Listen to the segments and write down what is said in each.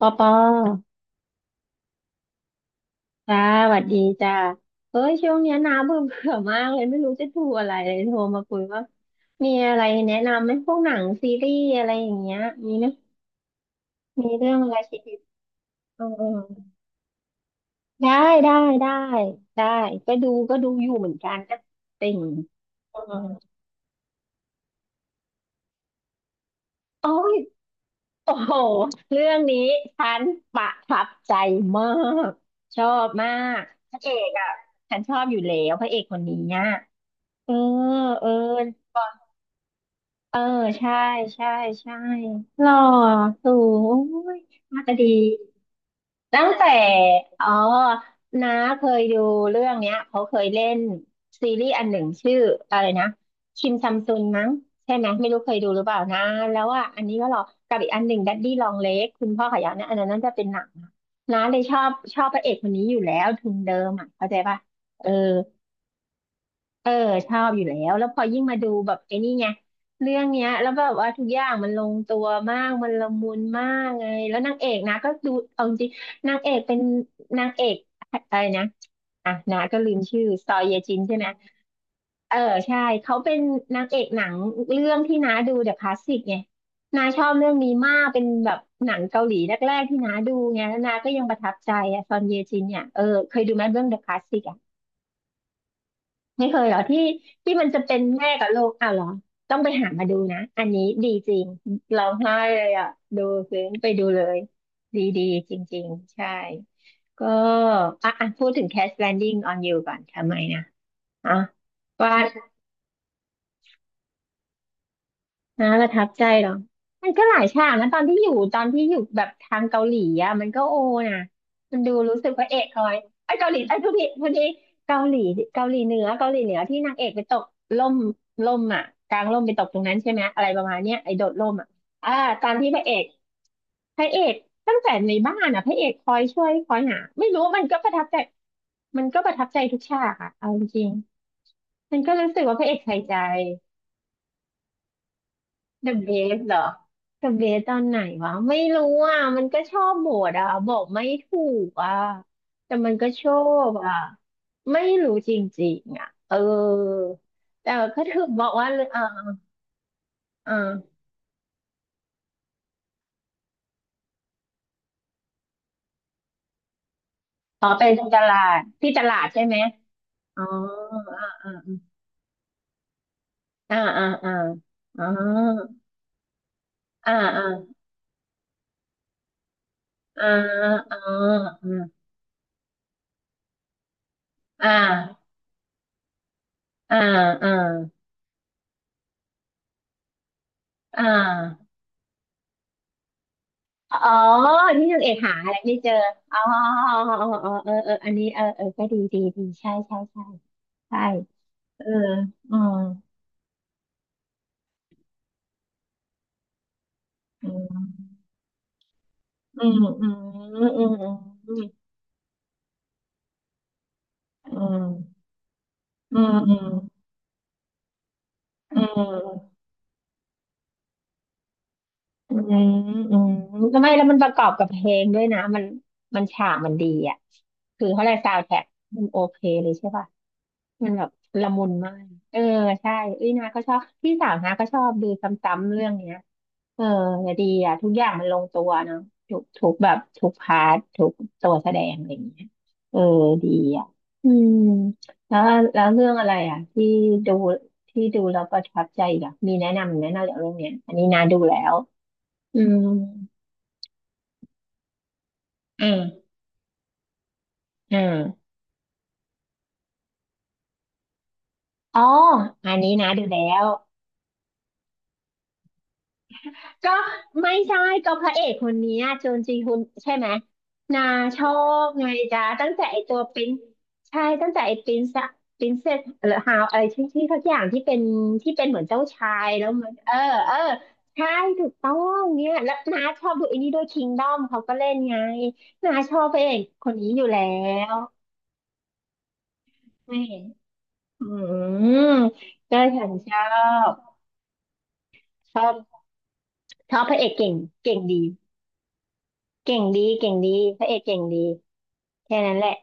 ปอปอจ้าสวัสดีจ้าเอ้ยช่วงเนี้ยน้าเบื่อเบื่อมากเลยไม่รู้จะดูอะไรเลยโทรมาคุยว่ามีอะไรแนะนำไหมพวกหนังซีรีส์อะไรอย่างเงี้ยมีไหมมีเรื่องอะไรชีวิตเออเออได้ได้ได้ได้ก็ดูอยู่เหมือนกันนะติ่งเออโอ้ยโอ้โหเรื่องนี้ฉันประทับใจมากชอบมากพระเอกอ่ะฉันชอบอยู่แล้วพระเอกคนนี้อ่ะเออเออ เออใช่ใช่ใช่หล่อสูงโอ้ยน่าจะดีตั้งแต่อ๋อน้าเคยดูเรื่องเนี้ยเขาเคยเล่นซีรีส์อันหนึ่งชื่ออะไรนะคิมซัมซุนมั้งใช่ไหมไม่รู้เคยดูหรือเปล่านะแล้วอ่ะอันนี้ก็หล่อกับอีกอันหนึ่งดัดดี้ลองเลกคุณพ่อขยันนะอันนั้นน่าจะเป็นหนังนะน้าเลยชอบพระเอกคนนี้อยู่แล้วทุนเดิมอ่ะเข้าใจป่ะเออ เออชอบอยู่แล้วแล้วพอยิ่งมาดูแบบไอ้นี่ไงเรื่องเนี้ยแล้วแบบว่าทุกอย่างมันลงตัวมากมันละมุนมากไงแล้วนางเอกนะก็ดูเอาจริงนางเอกเป็นนางเอกอะไรนะอ่ะนะก็ลืมชื่อซอเยจินใช่ไหมเออใช่เขาเป็นนางเอกหนังเรื่องที่น้าดูเดอะคลาสสิกไงน้าชอบเรื่องนี้มากเป็นแบบหนังเกาหลีแรกๆที่น้าดูไงแล้วน้าก็ยังประทับใจอะซอนเยจินเนี่ยเออเคยดูไหมเรื่องเดอะคลาสสิก ไม่เคยเหรอที่ที่มันจะเป็นแม่กับลูกอ้าวเหรอต้องไปหามาดูนะอันนี้ดีจริงร้องไห้เลยอ่ะดูซึ้งไปดูเลยดีดีจริงๆใช่ก็อ่ะอ่ะพูดถึง Crash Landing on You ก่อนทำไมนะอ่ะว่า นะประทับใจเหรอมันก็หลายฉากนะตอนที่อยู่แบบทางเกาหลีอ่ะมันก็โอนะมันดูรู้สึกพระเอกคอยไอ้ยเกาหลีไอ้ยพูดผิดเกาหลีเกาหลีเหนือเกาหลีเหนือที่นางเอกไปตกล่มล่มอ่ะกลางล่มไปตกตรงนั้นใช่ไหมอะไรประมาณเนี้ยไอ้โดดล่มอ่ะอ่าตอนที่พระเอกตั้งแต่ในบ้านอ่ะพระเอกคอยช่วยคอยหาไม่รู้มันก็ประทับใจมันก็ประทับใจทุกฉากอ่ะเอาจริงๆมันก็รู้สึกว่าพระเอกใส่ใจ เดอะเบสเหรอเดอะเบสตอนไหนวะไม่รู้อ่ะมันก็ชอบโบดอ่ะบอกไม่ถูกอ่ะแต่มันก็ชอบอ่ะไม่รู้จริงๆอ่ะเออแต่ก็ถึงบอกว่าเ่ออ่าอ่าอ๋อไปตลาดที่ตลาดใช่ไหมอ๋ออ่าอ่าอ่าอ่าอ่าอ่าอ่าอ่าอ่าอ่าอ่าอ่าอ่าอ่า อ๋อนี่นางเอกหาอะไรไม่เจออ๋ออ๋ออ๋อเออเอออันนี้เออเออก็ดีดีดีใช่ใช่ใช่ใช่เอออืมอืมอืมอืมอืมอืมอืมอืมอืมอืม อืมอืมก็ไมแล้วมันประกอบกับเพลงด้วยนะมันมันฉากมันดีอ่ะคือเขาเลยซาวด์แทร็กมันโอเคเลยใช่ป่ะมันแบบละมุนมากเออใช่อุ้ยนาก็ชอบพี่สาวนาก็ชอบดูซ้ำๆเรื่องเนี้ยเออดีอ่ะทุกอย่างมันลงตัวเนาะทุกแบบทุกพาร์ททุกตัวแสดงอะไรอย่างเงี้ยเออดีอ่ะอืมแล้วแล้วเรื่องอะไรอ่ะที่ดูที่ดูแล้วประทับใจอีกอ่ะมีแนะนำจากเรื่องเนี้ยอันนี้นาดูแล้ว อืมอ่าอ่าอ๋ออันนี้นะดูแล้วก็ไม่ใช่ก็พระเอกคนเนี้ยโจนจีฮุนใช่ไหมนาชอบไงจ๊ะตั้งแต่ไอตัวปรินใช่ตั้งแต่ไอปรินซะปรินเซสหรือฮาวอะไรที่ทุกอย่างที่เป็นเหมือนเจ้าชายแล้วมันเออเออใช่ถูกต้องเนี่ยแล้วนาชอบดูไอันนี้ด้วยคิงดอมเขาก็เล่นไงนาชอบพระเอกคนนี้อยู่แล้วไม่เห็นอืมก็ฉันชอบ ชอบชอบพระเอกเก่งเก่งดีเก่งดีพระเอกเก่งดีแค่นั้นแหละ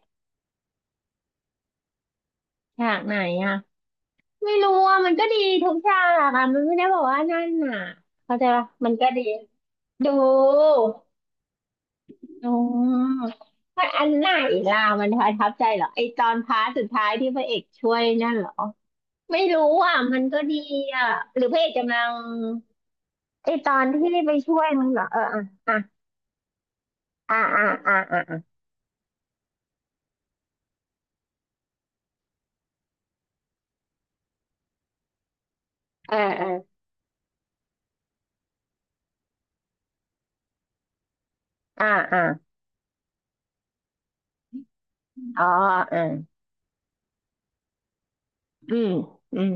ฉากไหนอ่ะไม่รู้อ่ะมันก็ดีทุกฉากอ่ะมันไม่ได้บอกว่านั่นน่ะเข้าใจปะมันก็ดีดูอืมมันอันไหนล่ะมันประทับใจเหรอไอตอนพาร์ทสุดท้ายที่พระเอกช่วยนั่นเหรอไม่รู้อ่ะมันก็ดีอ่ะหรือพระเอกกำลังไอตอนที่ไปช่วยมันเหรอเอออ่ะอ่ะอ่ะอ่ะอ่ะอ่ะอ่ะเออเอออ่ะอ่ะอ๋อเออ อืมอืม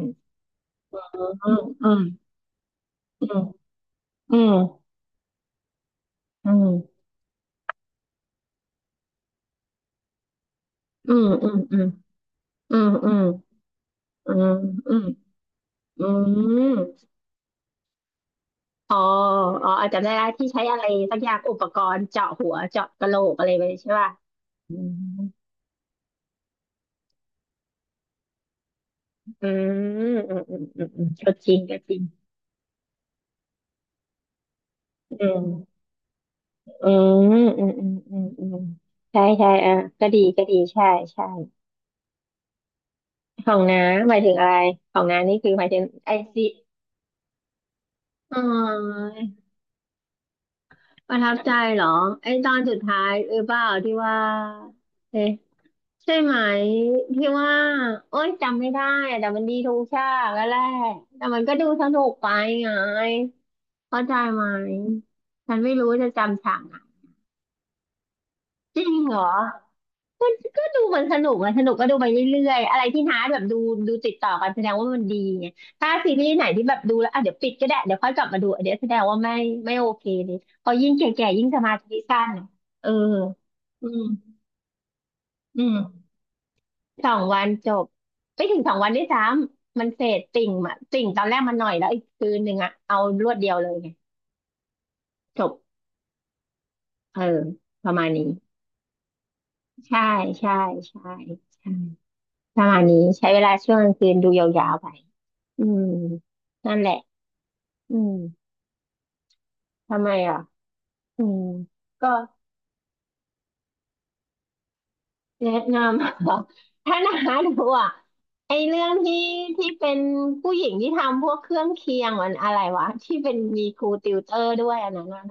อืมอืมอืมอืมอืมอืมอืมอืมอืมอืมอืมอืมอืมอ๋ออ๋ออาจจำได้แล้วที่ใช้อะไรสักอย่างอุปกรณ์เจาะหัวเจาะกะโหลกอะไรไปใช่ป่ะอืมอืมอืมอืมอืมอืมก็จริงก็จริงอืมอืมอืมอืมอืมอืมใช่ใช่อ่ะก็ดีก็ดีใช่ใช่ของน้าหมายถึงอะไรของน้านี่คือหมายถึงไอซีอ๋อ ประทับใจเหรอไอ้ตอนสุดท้ายเออเปล่าที่ว่าเอ๊ะใช่ไหมที่ว่าโอ๊ยจำไม่ได้อะแต่มันดีทุกฉากแล้วแหละแต่มันก็ดูสนุกไปไงเข้าใจไหมฉันไม่รู้จะจำฉากไหนจริงเหรอ ก็ก็ดูเหมือนสนุกอะสนุกก็ดูไปเรื่อยๆอะไรที่ท้าแบบดูดูติดต่อกันแสดงว่ามันดีไงถ้าซีรีส์ไหนที่แบบดูแล้วอ่ะเดี๋ยวปิดก็ได้เดี๋ยวค่อยกลับมาดูอันเดี๋ยวแสดงว่าไม่ไม่โอเคเลยพอยิ่งแก่ๆยิ่งสมาธิสั้นอะเอออืมอืมสองวันจบไม่ถึงสองวันด้วยซ้ำมันเสร็จติ่งอะติ่งตอนแรกมันหน่อยแล้วอีกคืนหนึ่งอะเอารวดเดียวเลยไงจบเออประมาณนี้ใช่ใช่ใช่ใช่ประมาณนี้ใช้เวลาช่วงกลางคืนดูยาวๆไป อืมนั่นแหละอืมทำไมอ่ะอืมก็แนะนำ ถ้านาดูอ่ะไอเรื่องที่ที่เป็นผู้หญิงที่ทำพวกเครื่องเคียงมันอะไรวะที่เป็นมีครูติวเตอร์ด้วยอันนั้นอะ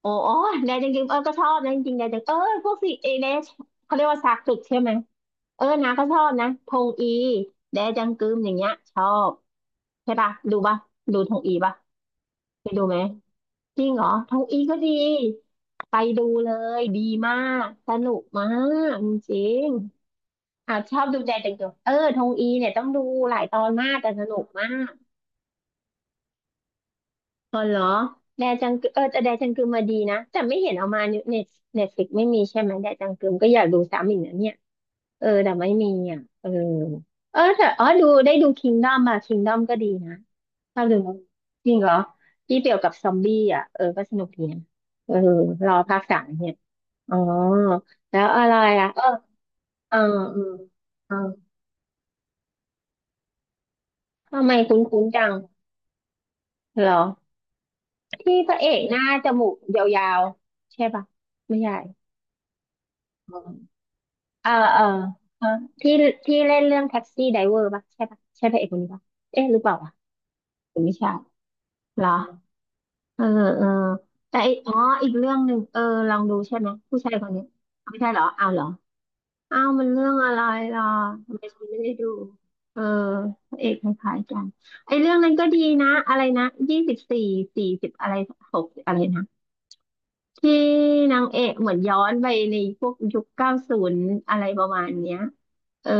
โอ้โอ้แดนจังกิมเออก็ชอบนะจริงๆแดนจังเออพวกสิเอเดชเขาเรียกว่าซากสึกใช่ไหมเออนาก็ชอบนะทงอีแดจังกึมอย่างเงี้ยชอบใช่ปะดูปะดูทงอีปะไปดูไหม จริงเหรอทองอีก็ดีไปดูเลยดีมากสนุกมากจริงๆอ่ะชอบดูแดจังเกิลเออทองอีเนี่ยต้องดูหลายตอนมากแต่สนุกมากอ๋อเหรอแดจังกึมเออแต่แดจังกึมมาดีนะแต่ไม่เห็นเอามาเน็ตเน็ตฟิกไม่มีใช่ไหมแดจังกึมก็อยากดูซ้ำอีกนะเนี่ยเออแต่ไม่มีอ่ะเออเออแต่อ๋อดูได้ดูคิงดอมมาคิงดอมก็ดีนะชอบดูไหมจริงเหรอที่เกี่ยวกับซอมบี้อ่ะเออก็สนุกดีนะเออรอภาค3เนี่ย อ๋อแล้วอะไรอ่ะเออเอออืมเออทำไมคุ้นๆจังเหรอที่พระเอกหน้าจมูกยาวๆใช่ปะไม่ใช่อ๋อเออเออเออที่ที่เล่นเรื่องแท็กซี่ไดเวอร์ปะใช่ปะใช่พระเอกคนนี้ปะเอ๊ะหรือเปล่าวะหรือไม่ใช่เหรอเออเออแต่อีกอ๋ออีกเรื่องหนึ่งเออลองดูใช่ไหมผู้ชายคนนี้ไม่ใช่เหรอเอาเหรอ อ้าวมันเรื่องอะไรล่ะทำไมฉันไม่ได้ดูเออพระเอกคล้ายๆกันไอ้เรื่องนั้นก็ดีนะอะไรนะ2440อะไร6อะไรนะที่นางเอกเหมือนย้อนไปในพวกยุค90อะไรประมาณเนี้ยเออ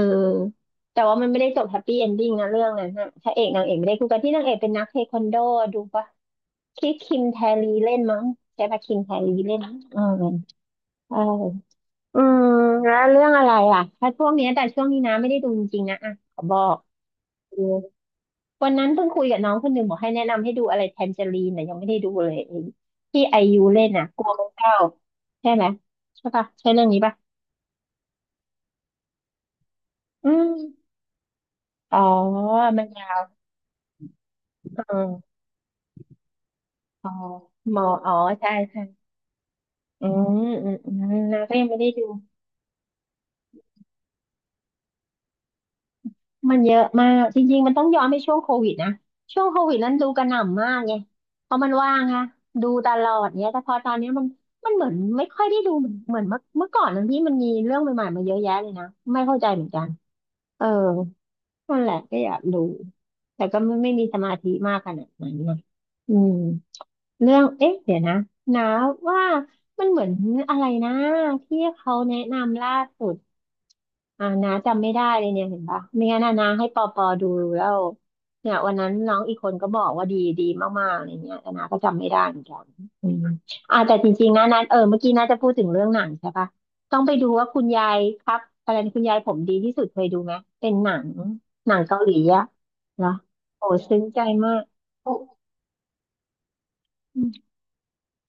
แต่ว่ามันไม่ได้จบแฮปปี้เอนดิ้งนะเรื่องนั้นนะพระเอกนางเอกไม่ได้คู่กันที่นางเอกเป็นนักเทควันโดดูปะคิดคิมแทรีเล่นมั้งใช่ปะคิมแทรีเล่นมั้งเออเออ อืมแล้วเรื่องอะไรอ่ะถ้าช่วงเนี้ยแต่ช่วงนี้นะไม่ได้ดูจริงๆนะอ่ะขอบอกดูวันนั้นเพิ่งคุยกับน้องคนหนึ่งบอกให้แนะนำให้ดูอะไรแทนเจอรีนนะยังไม่ได้ดูเลยไอ้ที่ไอยูเล่นนะกลัวไมัเศร้าใช่ไหมใช่ปะใช่เรื่องนี้ปะอืมอ๋อมันยังอออ๋อหมออ๋อใช่ใช่อืมอืมอืมนะก็ยังไม่ได้ดู มันเยอะมากจริงๆมันต้องย้อนไปช่วงโควิดนะช่วงโควิดนั้นดูกระหน่ำมากไงเพราะมันว่างค่ะดูตลอดเนี้ยแต่พอตอนเนี้ยมันเหมือนไม่ค่อยได้ดูเหมือนเมื่อก่อนนั้นที่มันมีเรื่องใหม่ๆมาเยอะแยะเลยนะไม่เข้าใจเหมือนกันเออนั่นแหละก็อยากดูแต่ก็ไม่ไม่มีสมาธิมากขนาดนั้นนะอืม เรื่องเอ๊ะเดี๋ยวนะนะว่ามันเหมือนอะไรนะที่เขาแนะนำล่าสุดอ่านะจำไม่ได้เลยเนี่ยเห็นปะไม่งั้นนะนะให้ปอปอดูแล้วเนี่ยวันนั้นน้องอีกคนก็บอกว่าดีดีมากๆอะไรเงี้ยแต่นะก็จำไม่ได้เหมือนกันอืมอ่าแต่จริงๆนะนะเออเมื่อกี้นะจะพูดถึงเรื่องหนังใช่ปะต้องไปดูว่าคุณยายครับอะไรนะคุณยายผมดีที่สุดเคยดูไหมเป็นหนังหนังเกาหลีอะเหรอโอ้ซึ้งใจมาก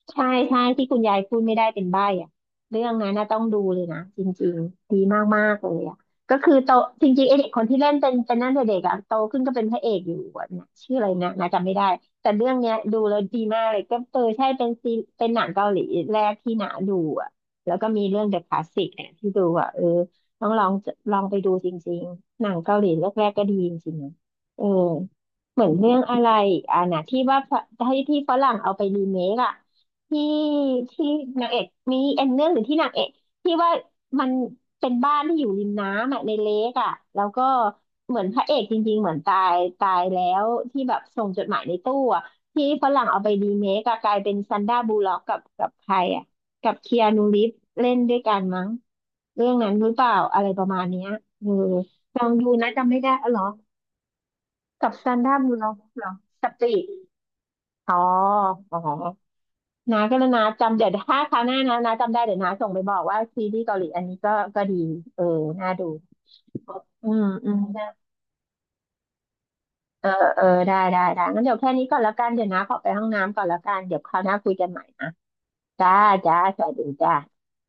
ใช่ใช่ที่คุณยายพูดไม่ได้เป็นใบ้อะเรื่องนั้นนะต้องดูเลยนะจริงๆดีมากๆเลยอ่ะก็คือโตจริงๆไอเด็กคนที่เล่นเป็นเป็นนั่นแต่เด็กอ่ะโตขึ้นก็เป็นพระเอกอยู่อะนะชื่ออะไรนะนะจำไม่ได้แต่เรื่องเนี้ยดูแล้วดีมากเลยก็เออใช่เป็นซีเป็นหนังเกาหลีแรกที่หนาดูอ่ะแล้วก็มีเรื่อง The Classic เนี่ยที่ดูอ่ะเออต้องลองลองไปดูจริงๆหนังเกาหลีแรกๆก็ดีจริงๆนะเออเหมือนเรื่องอะไรอ่ะนะที่ว่าพระที่ที่ฝรั่งเอาไปรีเมคอ่ะ ที่ที่นางเอกมีเอ็นเรื่องหรือที่นางเอกที่ว่ามันเป็นบ้านที่อยู่ริมน้ำอ่ะในเลกอ่ะแล้วก็เหมือนพระเอกจริงๆเหมือนตายตายแล้วที่แบบส่งจดหมายในตู้อ่ะที่ฝรั่งเอาไปรีเมคอะกลายเป็นซันดราบูลล็อกกับกับใครอ่ะกับเคียนูรีฟเล่นด้วยกันมั้งเรื่องนั้นหรือเปล่าอะไรประมาณเนี้ยเออลองดูนะจำไม่ได้อ๋อเหรอกับซันดราบูลล็อกเหรอสปีดอ๋ออ๋อ นาก็แล้วนะจำเดี๋ยวถ้าคราวหน้านะนาจำได้เดี๋ยวนาส่งไปบอกว่าซีรีส์เกาหลีอันนี้ก็ก็ดีเออน่าดูอืมอืมเออเออได้ได้ได้งั้นเดี๋ยวแค่นี้ก่อนละกันเดี๋ยวนะขอไปห้องน้ำก่อนละกันเดี๋ยวคราวหน้าคุยกันใหม่นะจ้าจ้าสวัสดีจ้า